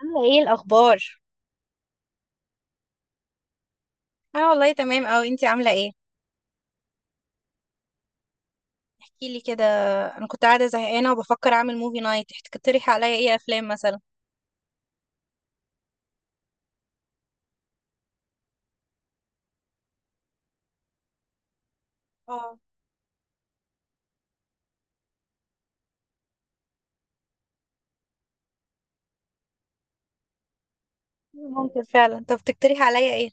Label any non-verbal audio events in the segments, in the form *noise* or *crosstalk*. عاملة ايه الأخبار؟ أنا والله تمام أوي، انتي عاملة ايه؟ احكيلي كده. أنا كنت قاعدة زهقانة وبفكر أعمل موفي نايت، تقترحي عليا ايه أفلام مثلا؟ اه، ممكن فعلا. طب تقترحي عليا ايه؟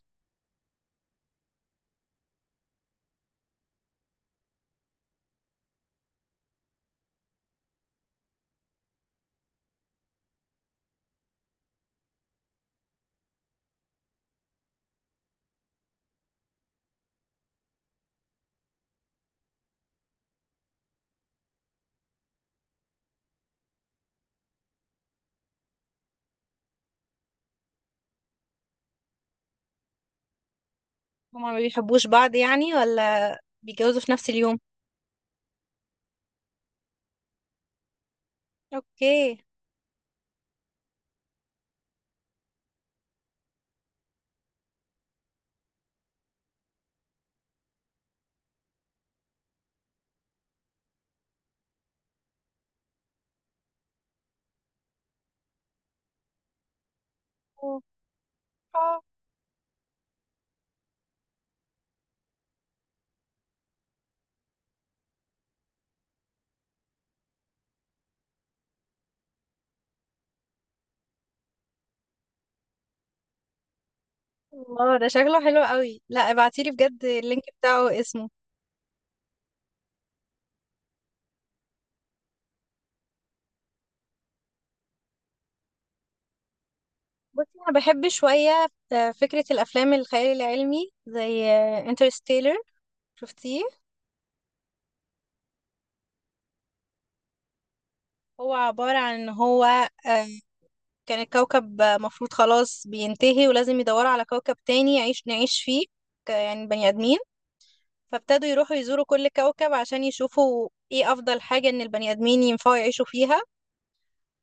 هما ما بيحبوش بعض يعني، ولا بيتجوزوا في نفس اليوم؟ اوكي. أوه. آه. الله، ده شكله حلو أوي. لا ابعتيلي بجد اللينك بتاعه واسمه. بصي، أنا بحب شوية فكرة الأفلام الخيال العلمي زي انترستيلر. شفتيه؟ هو عبارة عن ان هو آه، كان الكوكب مفروض خلاص بينتهي، ولازم يدوروا على كوكب تاني يعيش نعيش فيه. يعني بني آدمين. فابتدوا يروحوا يزوروا كل كوكب عشان يشوفوا ايه أفضل حاجة إن البني آدمين ينفعوا يعيشوا فيها.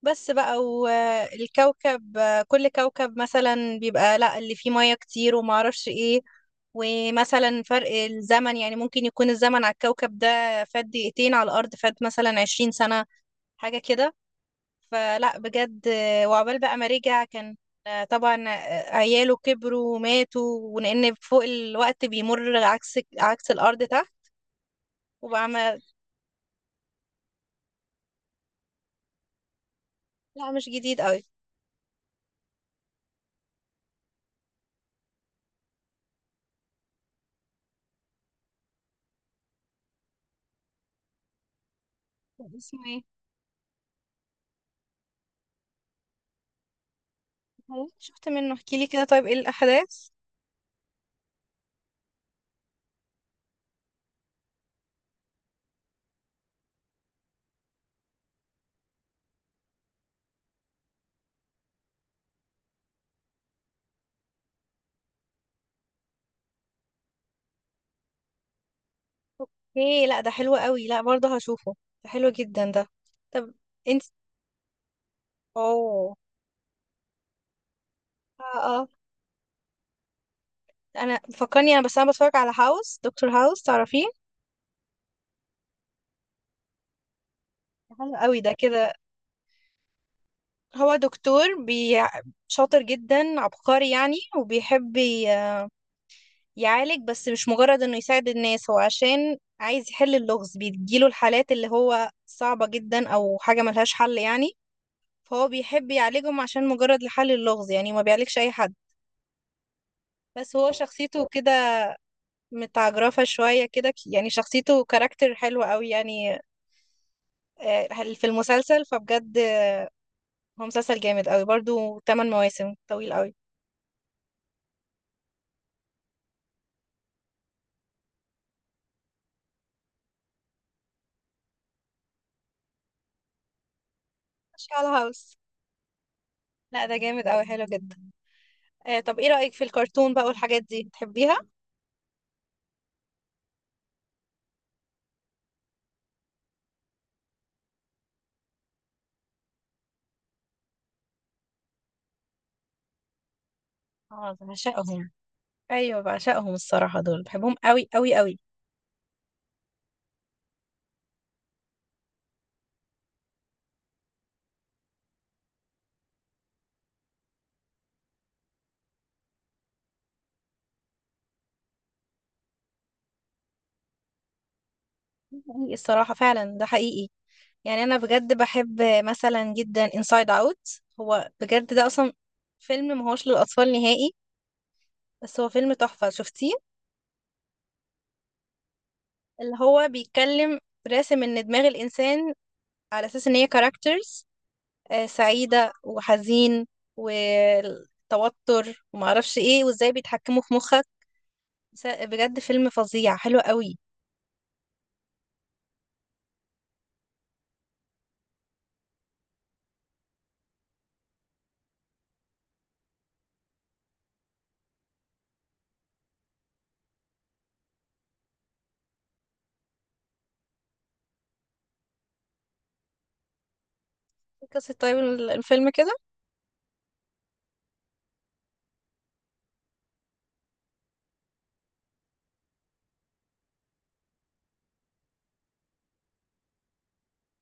بس بقى، والكوكب، كل كوكب مثلا بيبقى لا اللي فيه مياه كتير ومعرفش ايه. ومثلا فرق الزمن، يعني ممكن يكون الزمن على الكوكب ده فات دقيقتين، على الأرض فات مثلا 20 سنة. حاجة كده. فلا بجد. وعقبال بقى ما رجع، كان طبعا عياله كبروا وماتوا، ولان فوق الوقت بيمر عكس الارض تحت. وبقى ما، لا مش جديد قوي. اسمه ايه؟ هو شفت منه، احكي لي كده، طيب ايه الاحداث؟ ايه، لا ده حلو قوي. لا برضه هشوفه، ده حلو جدا ده. طب انت. اوه. اه اه. انا فكرني انا، بس انا بتفرج على هاوس، دكتور هاوس تعرفيه؟ حلو قوي ده كده. هو دكتور بي... شاطر جدا عبقري يعني، وبيحب يعالج. بس مش مجرد انه يساعد الناس، هو عشان عايز يحل اللغز. بيجيله الحالات اللي هو صعبة جدا او حاجة ملهاش حل يعني، فهو بيحب يعالجهم عشان مجرد لحل اللغز يعني. ما بيعالجش اي حد. بس هو شخصيته كده، متعجرفة شوية كده. يعني شخصيته كاركتر حلو قوي يعني آه، في المسلسل. فبجد هو مسلسل جامد قوي برضو. 8 مواسم، طويل قوي. شال هاوس. لا ده جامد قوي، حلو جدا. طب ايه رأيك في الكرتون بقى والحاجات دي، تحبيها؟ اه، بعشقهم. ايوه، بعشقهم الصراحه، دول بحبهم قوي قوي قوي. حقيقي الصراحه، فعلا ده حقيقي. يعني انا بجد بحب مثلا جدا انسايد اوت. هو بجد ده اصلا فيلم ما هوش للاطفال نهائي. بس هو فيلم تحفه. شفتيه؟ اللي هو بيتكلم، راسم ان دماغ الانسان على اساس ان هي كاركترز سعيده وحزين والتوتر وما اعرفش ايه، وازاي بيتحكموا في مخك. بجد فيلم فظيع، حلو قوي. إيه قصة طيب الفيلم كده؟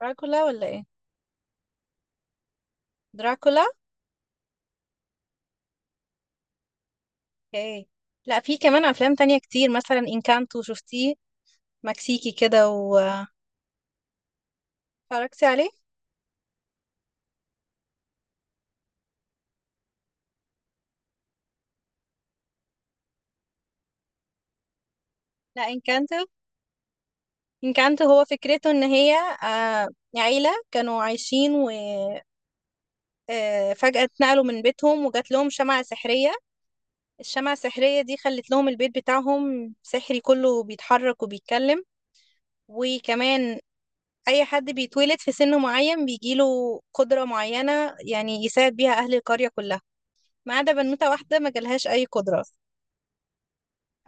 دراكولا ولا ايه؟ دراكولا. اوكي. لا، في كمان افلام تانية كتير، مثلا انكانتو. شفتيه؟ مكسيكي كده، واتفرجتي عليه؟ لا انكانتو. انكانتو هو فكرته ان هي آه، عيلة كانوا عايشين، وفجأة اتنقلوا من بيتهم وجات لهم شمعة سحرية. الشمعة السحرية دي خلت لهم البيت بتاعهم سحري، كله بيتحرك وبيتكلم. وكمان اي حد بيتولد في سن معين بيجيله قدرة معينة، يعني يساعد بيها اهل القرية كلها، ما عدا بنوتة واحدة ما جالهاش اي قدرة.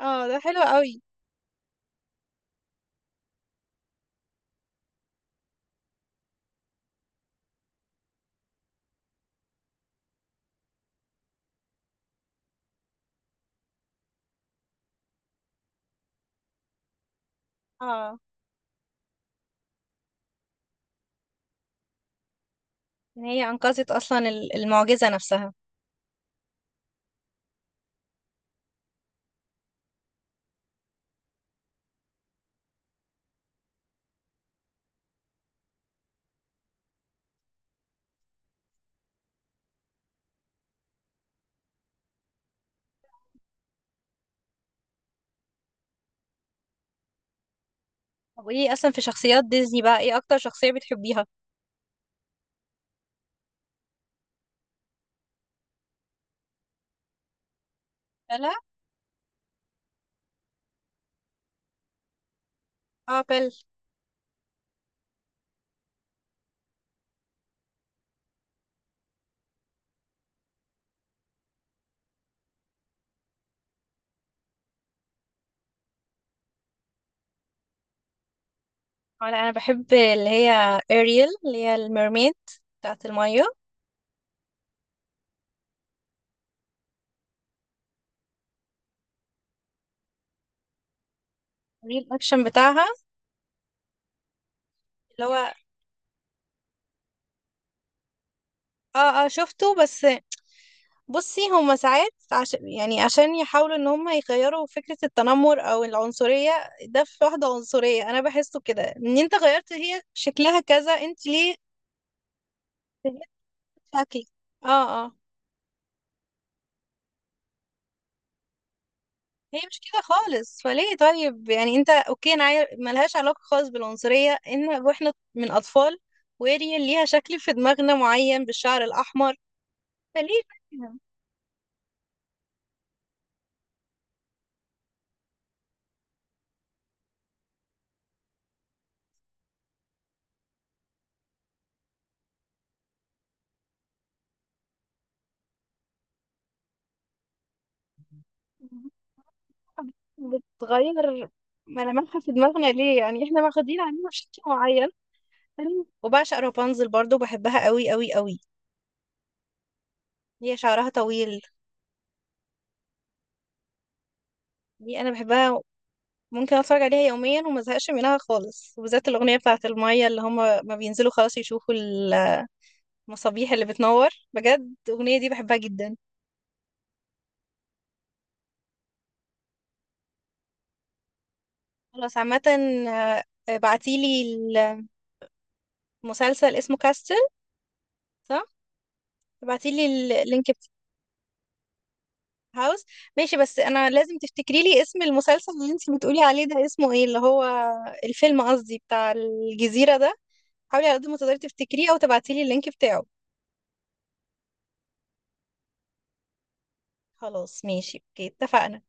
اه ده حلو قوي. اه، ان هي انقذت اصلا المعجزة نفسها. طب ايه اصلا، في شخصيات ديزني بقى، ايه اكتر شخصية بتحبيها؟ بلا. اه بل. اه. لا انا بحب اللي هي اريل، اللي هي الميرميد بتاعت المية. الريل اكشن بتاعها، اللي هو. اه اه، شفته. بس بصي، هما ساعات عشان يعني عشان يحاولوا ان هما يغيروا فكرة التنمر او العنصرية. ده في واحدة عنصرية انا بحسه كده، ان انت غيرت هي شكلها كذا، انت ليه؟ *laughs* هي شكلي. اه اه. هي مش كده خالص، فليه طيب؟ يعني انت اوكي، انا ملهاش علاقة خالص بالعنصرية، ان واحنا من اطفال واريال ليها شكل في دماغنا معين بالشعر الاحمر. فليه بتغير ملامحها في دماغنا؟ ليه يعني؟ احنا واخدين عنها بشكل معين حلو. وبعشق رابنزل برضو، بحبها قوي قوي قوي. هي شعرها طويل، دي انا بحبها. ممكن اتفرج عليها يوميا وما ازهقش منها خالص، وبالذات الاغنيه بتاعه الميه اللي هم ما بينزلوا خلاص، يشوفوا المصابيح اللي بتنور. بجد الاغنيه دي بحبها جدا. خلاص عامه. آه، بعتيلي. المسلسل اسمه كاستل، صح؟ بعتيلي اللينك بتاع هاوس. ماشي، بس انا لازم تفتكري لي اسم المسلسل اللي انت بتقولي عليه ده، اسمه ايه؟ اللي هو الفيلم، قصدي، بتاع الجزيره ده. حاولي على قد ما تقدري تفتكريه، او تبعتيلي اللينك بتاعه. خلاص ماشي، اوكي، اتفقنا.